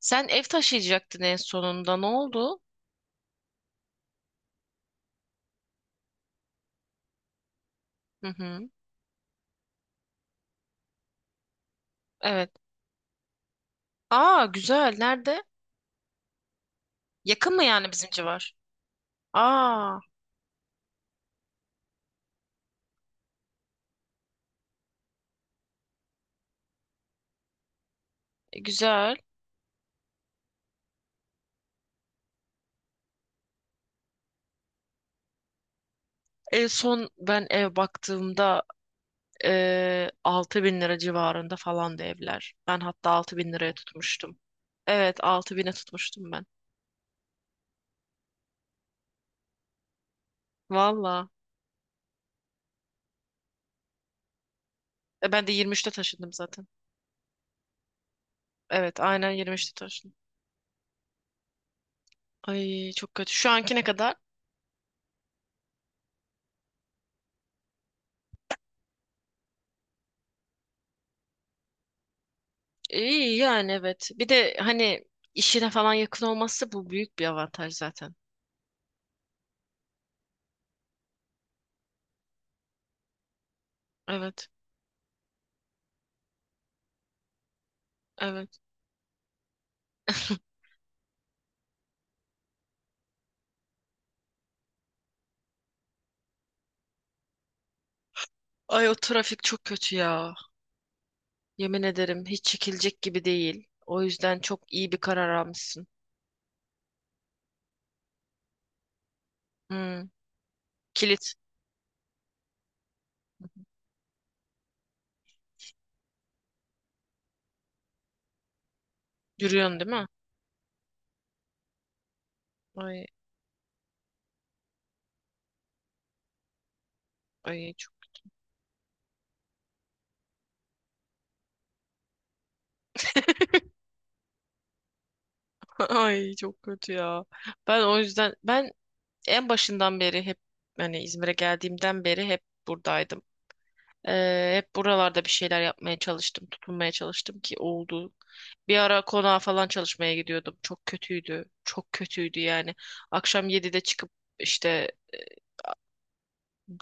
Sen ev taşıyacaktın en sonunda. Ne oldu? Hı hı. Evet. Aa güzel. Nerede? Yakın mı yani bizim civar? Aa güzel. En son ben ev baktığımda 6 bin lira civarında falandı evler. Ben hatta 6 bin liraya tutmuştum. Evet 6 bine tutmuştum ben. Valla. Ben de 23'te taşındım zaten. Evet aynen 23'te taşındım. Ay çok kötü. Şu anki ne kadar? İyi yani evet. Bir de hani işine falan yakın olması bu büyük bir avantaj zaten. Evet. Evet. Ay o trafik çok kötü ya. Yemin ederim hiç çekilecek gibi değil. O yüzden çok iyi bir karar almışsın. Hmm. Kilit yürüyorsun değil mi? Ay çok ay çok kötü ya. Ben o yüzden en başından beri hep hani İzmir'e geldiğimden beri hep buradaydım. Hep buralarda bir şeyler yapmaya çalıştım, tutunmaya çalıştım ki oldu. Bir ara konağa falan çalışmaya gidiyordum. Çok kötüydü. Çok kötüydü yani. Akşam 7'de çıkıp işte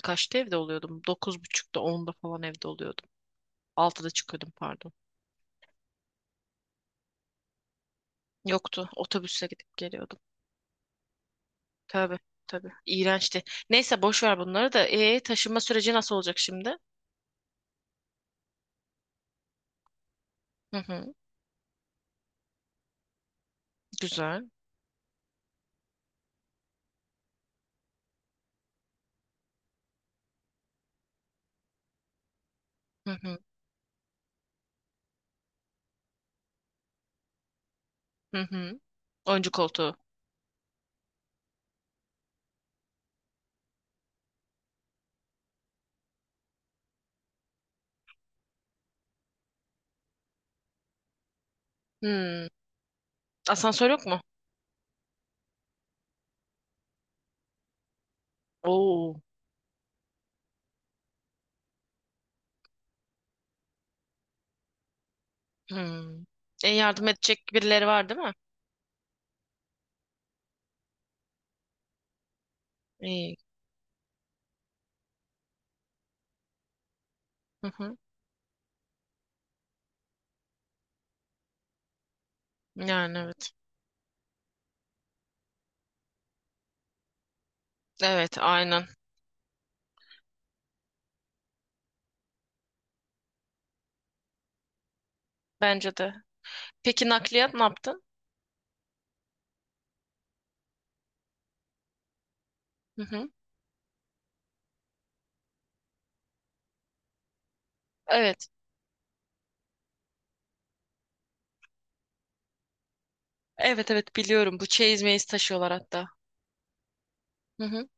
kaçta evde oluyordum? 9:30'da onda falan evde oluyordum. 6'da çıkıyordum pardon. Yoktu. Otobüsle gidip geliyordum. Tabii tabii. İğrençti. Neyse boş ver bunları da. Taşınma süreci nasıl olacak şimdi? Hı hı. Güzel. Hı hı. Hı hı. Oyuncu koltuğu. Hmm. Asansör yok mu? Oo. Hmm. Yardım edecek birileri var değil mi? İyi. Hı hı. Yani evet. Evet, aynen. Bence de. Peki nakliyat ne yaptın? Hı hı. Evet. Evet, evet biliyorum. Bu çeyiz meyiz taşıyorlar hatta. Hı hı.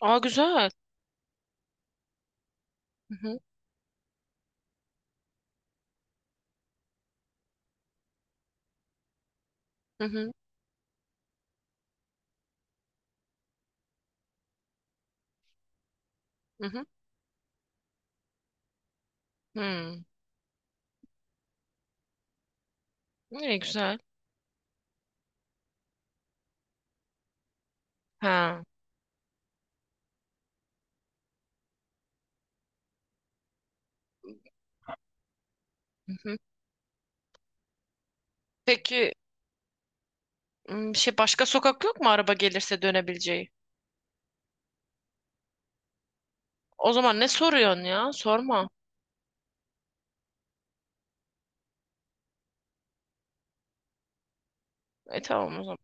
Aa güzel. Hı hı. Hı hı. Hı hı. Hmm. İyi güzel. Ha. Hı hı. Peki şey başka sokak yok mu araba gelirse dönebileceği? O zaman ne soruyorsun ya? Sorma. E tamam o zaman.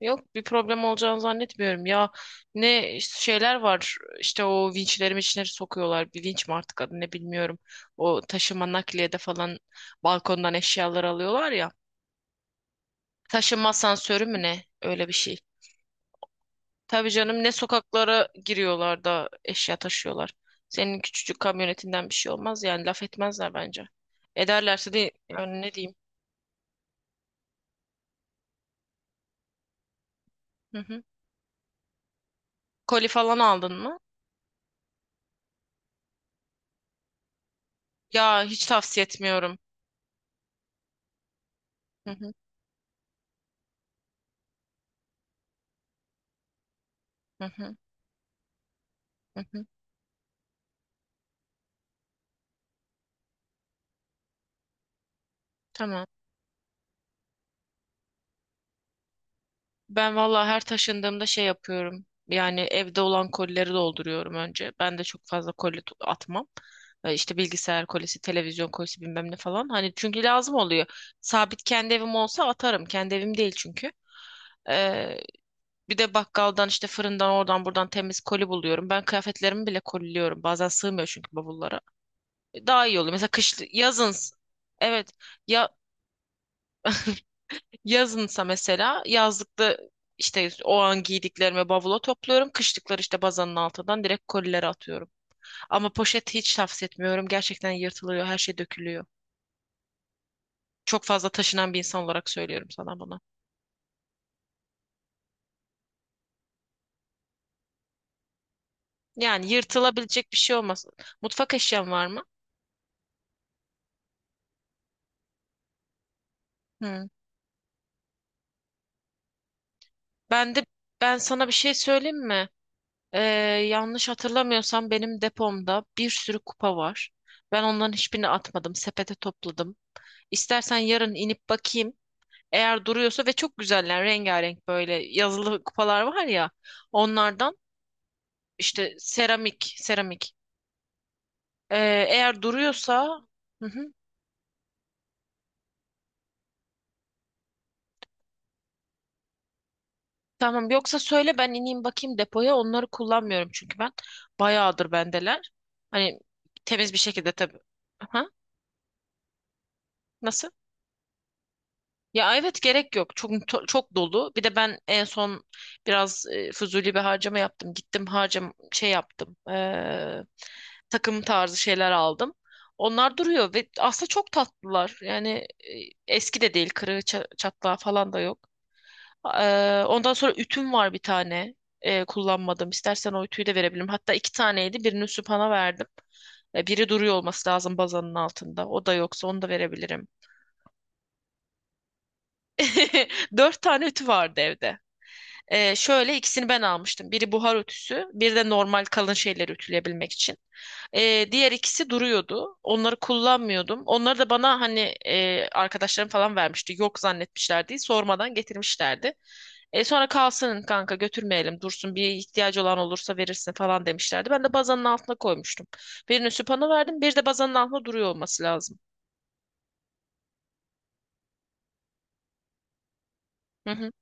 Yok bir problem olacağını zannetmiyorum ya. Ne işte şeyler var işte o vinçleri sokuyorlar. Bir vinç mi artık adı ne bilmiyorum. O taşıma nakliyede falan balkondan eşyalar alıyorlar ya. Taşıma asansörü mü ne? Öyle bir şey. Tabii canım ne sokaklara giriyorlar da eşya taşıyorlar. Senin küçücük kamyonetinden bir şey olmaz yani laf etmezler bence. Ederlerse de yani ne diyeyim. Hı hı. Koli falan aldın mı? Ya hiç tavsiye etmiyorum. Hı hı, hı hı, hı hı. Tamam. Ben valla her taşındığımda şey yapıyorum. Yani evde olan kolileri dolduruyorum önce. Ben de çok fazla koli atmam. İşte bilgisayar kolisi, televizyon kolisi bilmem ne falan. Hani çünkü lazım oluyor. Sabit kendi evim olsa atarım. Kendi evim değil çünkü. Ee, Bir de bakkaldan işte fırından oradan buradan temiz koli buluyorum. Ben kıyafetlerimi bile koliliyorum. Bazen sığmıyor çünkü bavullara. Daha iyi oluyor. Mesela kış yazın evet. Ya yazınsa mesela yazlıkta işte o an giydiklerimi bavula topluyorum. Kışlıkları işte bazanın altından direkt kolilere atıyorum. Ama poşet hiç tavsiye etmiyorum. Gerçekten yırtılıyor, her şey dökülüyor. Çok fazla taşınan bir insan olarak söylüyorum sana bunu. Yani yırtılabilecek bir şey olmaz. Mutfak eşyan var mı? Hı. Ben de sana bir şey söyleyeyim mi? Ee, Yanlış hatırlamıyorsam benim depomda bir sürü kupa var. Ben onların hiçbirini atmadım. Sepete topladım. İstersen yarın inip bakayım. Eğer duruyorsa ve çok güzeller rengarenk böyle yazılı kupalar var ya onlardan işte seramik. Eğer duruyorsa hı hı, tamam yoksa söyle ben ineyim bakayım depoya onları kullanmıyorum çünkü ben bayağıdır bendeler. Hani temiz bir şekilde tabii. Aha, nasıl? Ya evet gerek yok. Çok dolu. Bir de ben en son biraz fuzuli bir harcama yaptım. Gittim harcam şey yaptım. Takım tarzı şeyler aldım. Onlar duruyor ve aslında çok tatlılar. Yani eski de değil. Kırığı çatlağı falan da yok. Ondan sonra ütüm var bir tane. Kullanmadım. İstersen o ütüyü de verebilirim. Hatta iki taneydi. Birini Süphan'a verdim. E, biri duruyor olması lazım bazanın altında. O da yoksa onu da verebilirim. Dört tane ütü vardı evde. Şöyle ikisini ben almıştım. Biri buhar ütüsü, bir de normal kalın şeyleri ütüleyebilmek için. Diğer ikisi duruyordu. Onları kullanmıyordum. Onları da bana hani arkadaşlarım falan vermişti. Yok zannetmişlerdi. Sormadan getirmişlerdi. E, sonra kalsın kanka götürmeyelim dursun bir ihtiyacı olan olursa verirsin falan demişlerdi. Ben de bazanın altına koymuştum. Birini süpana verdim, bir de bazanın altına duruyor olması lazım. Hı hı.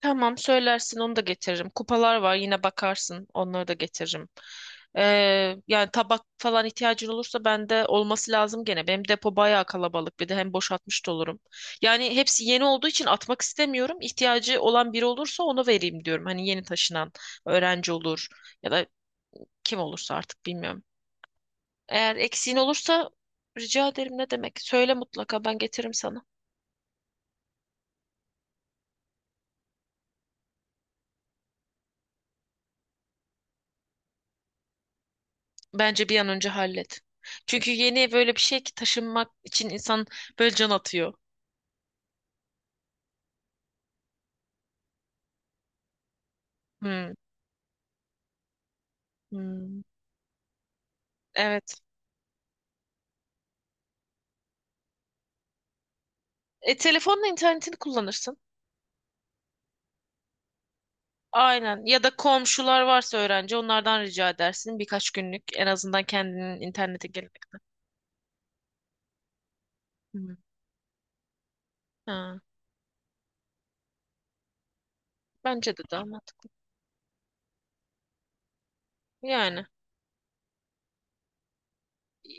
Tamam söylersin onu da getiririm. Kupalar var yine bakarsın onları da getiririm. Ee, Yani tabak falan ihtiyacın olursa bende olması lazım gene. Benim depo bayağı kalabalık bir de hem boşaltmış da olurum. Yani hepsi yeni olduğu için atmak istemiyorum. İhtiyacı olan biri olursa onu vereyim diyorum. Hani yeni taşınan öğrenci olur ya da kim olursa artık bilmiyorum. Eğer eksiğin olursa rica ederim ne demek. Söyle mutlaka ben getiririm sana. Bence bir an önce hallet. Çünkü yeni böyle bir şey ki taşınmak için insan böyle can atıyor. Hmm. Hmm. Evet. E, telefonla internetini kullanırsın. Aynen. Ya da komşular varsa öğrenci onlardan rica edersin birkaç günlük en azından kendinin internete gelene kadar. Hmm. Ha. Bence de daha mantıklı. Yani.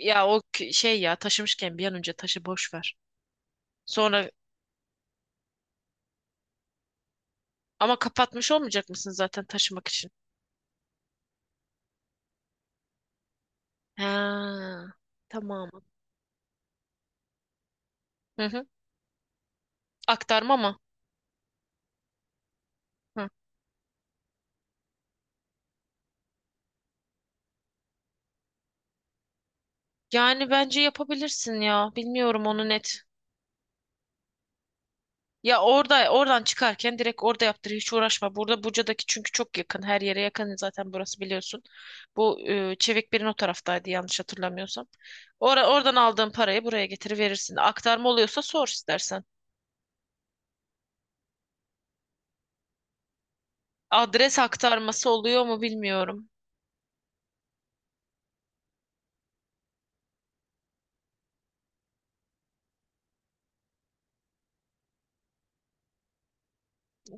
Ya o şey ya taşımışken bir an önce taşı boş ver. Sonra ama kapatmış olmayacak mısın zaten taşımak için? Ha. Tamam. Hı hı. Aktarma mı? Hı. Yani bence yapabilirsin ya. Bilmiyorum onu net. Ya orada oradan çıkarken direkt orada yaptır hiç uğraşma. Burada Buca'daki çünkü çok yakın. Her yere yakın zaten burası biliyorsun. Bu Çevikbir'in o taraftaydı yanlış hatırlamıyorsam. Ora, oradan aldığın parayı buraya getiriverirsin. Aktarma oluyorsa sor istersen. Adres aktarması oluyor mu bilmiyorum.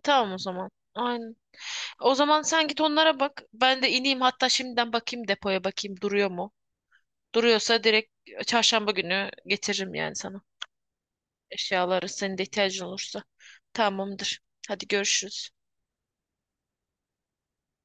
Tamam o zaman. Aynen. O zaman sen git onlara bak. Ben de ineyim hatta şimdiden bakayım depoya bakayım duruyor mu? Duruyorsa direkt çarşamba günü getiririm yani sana. Eşyaları senin de ihtiyacın olursa. Tamamdır. Hadi görüşürüz.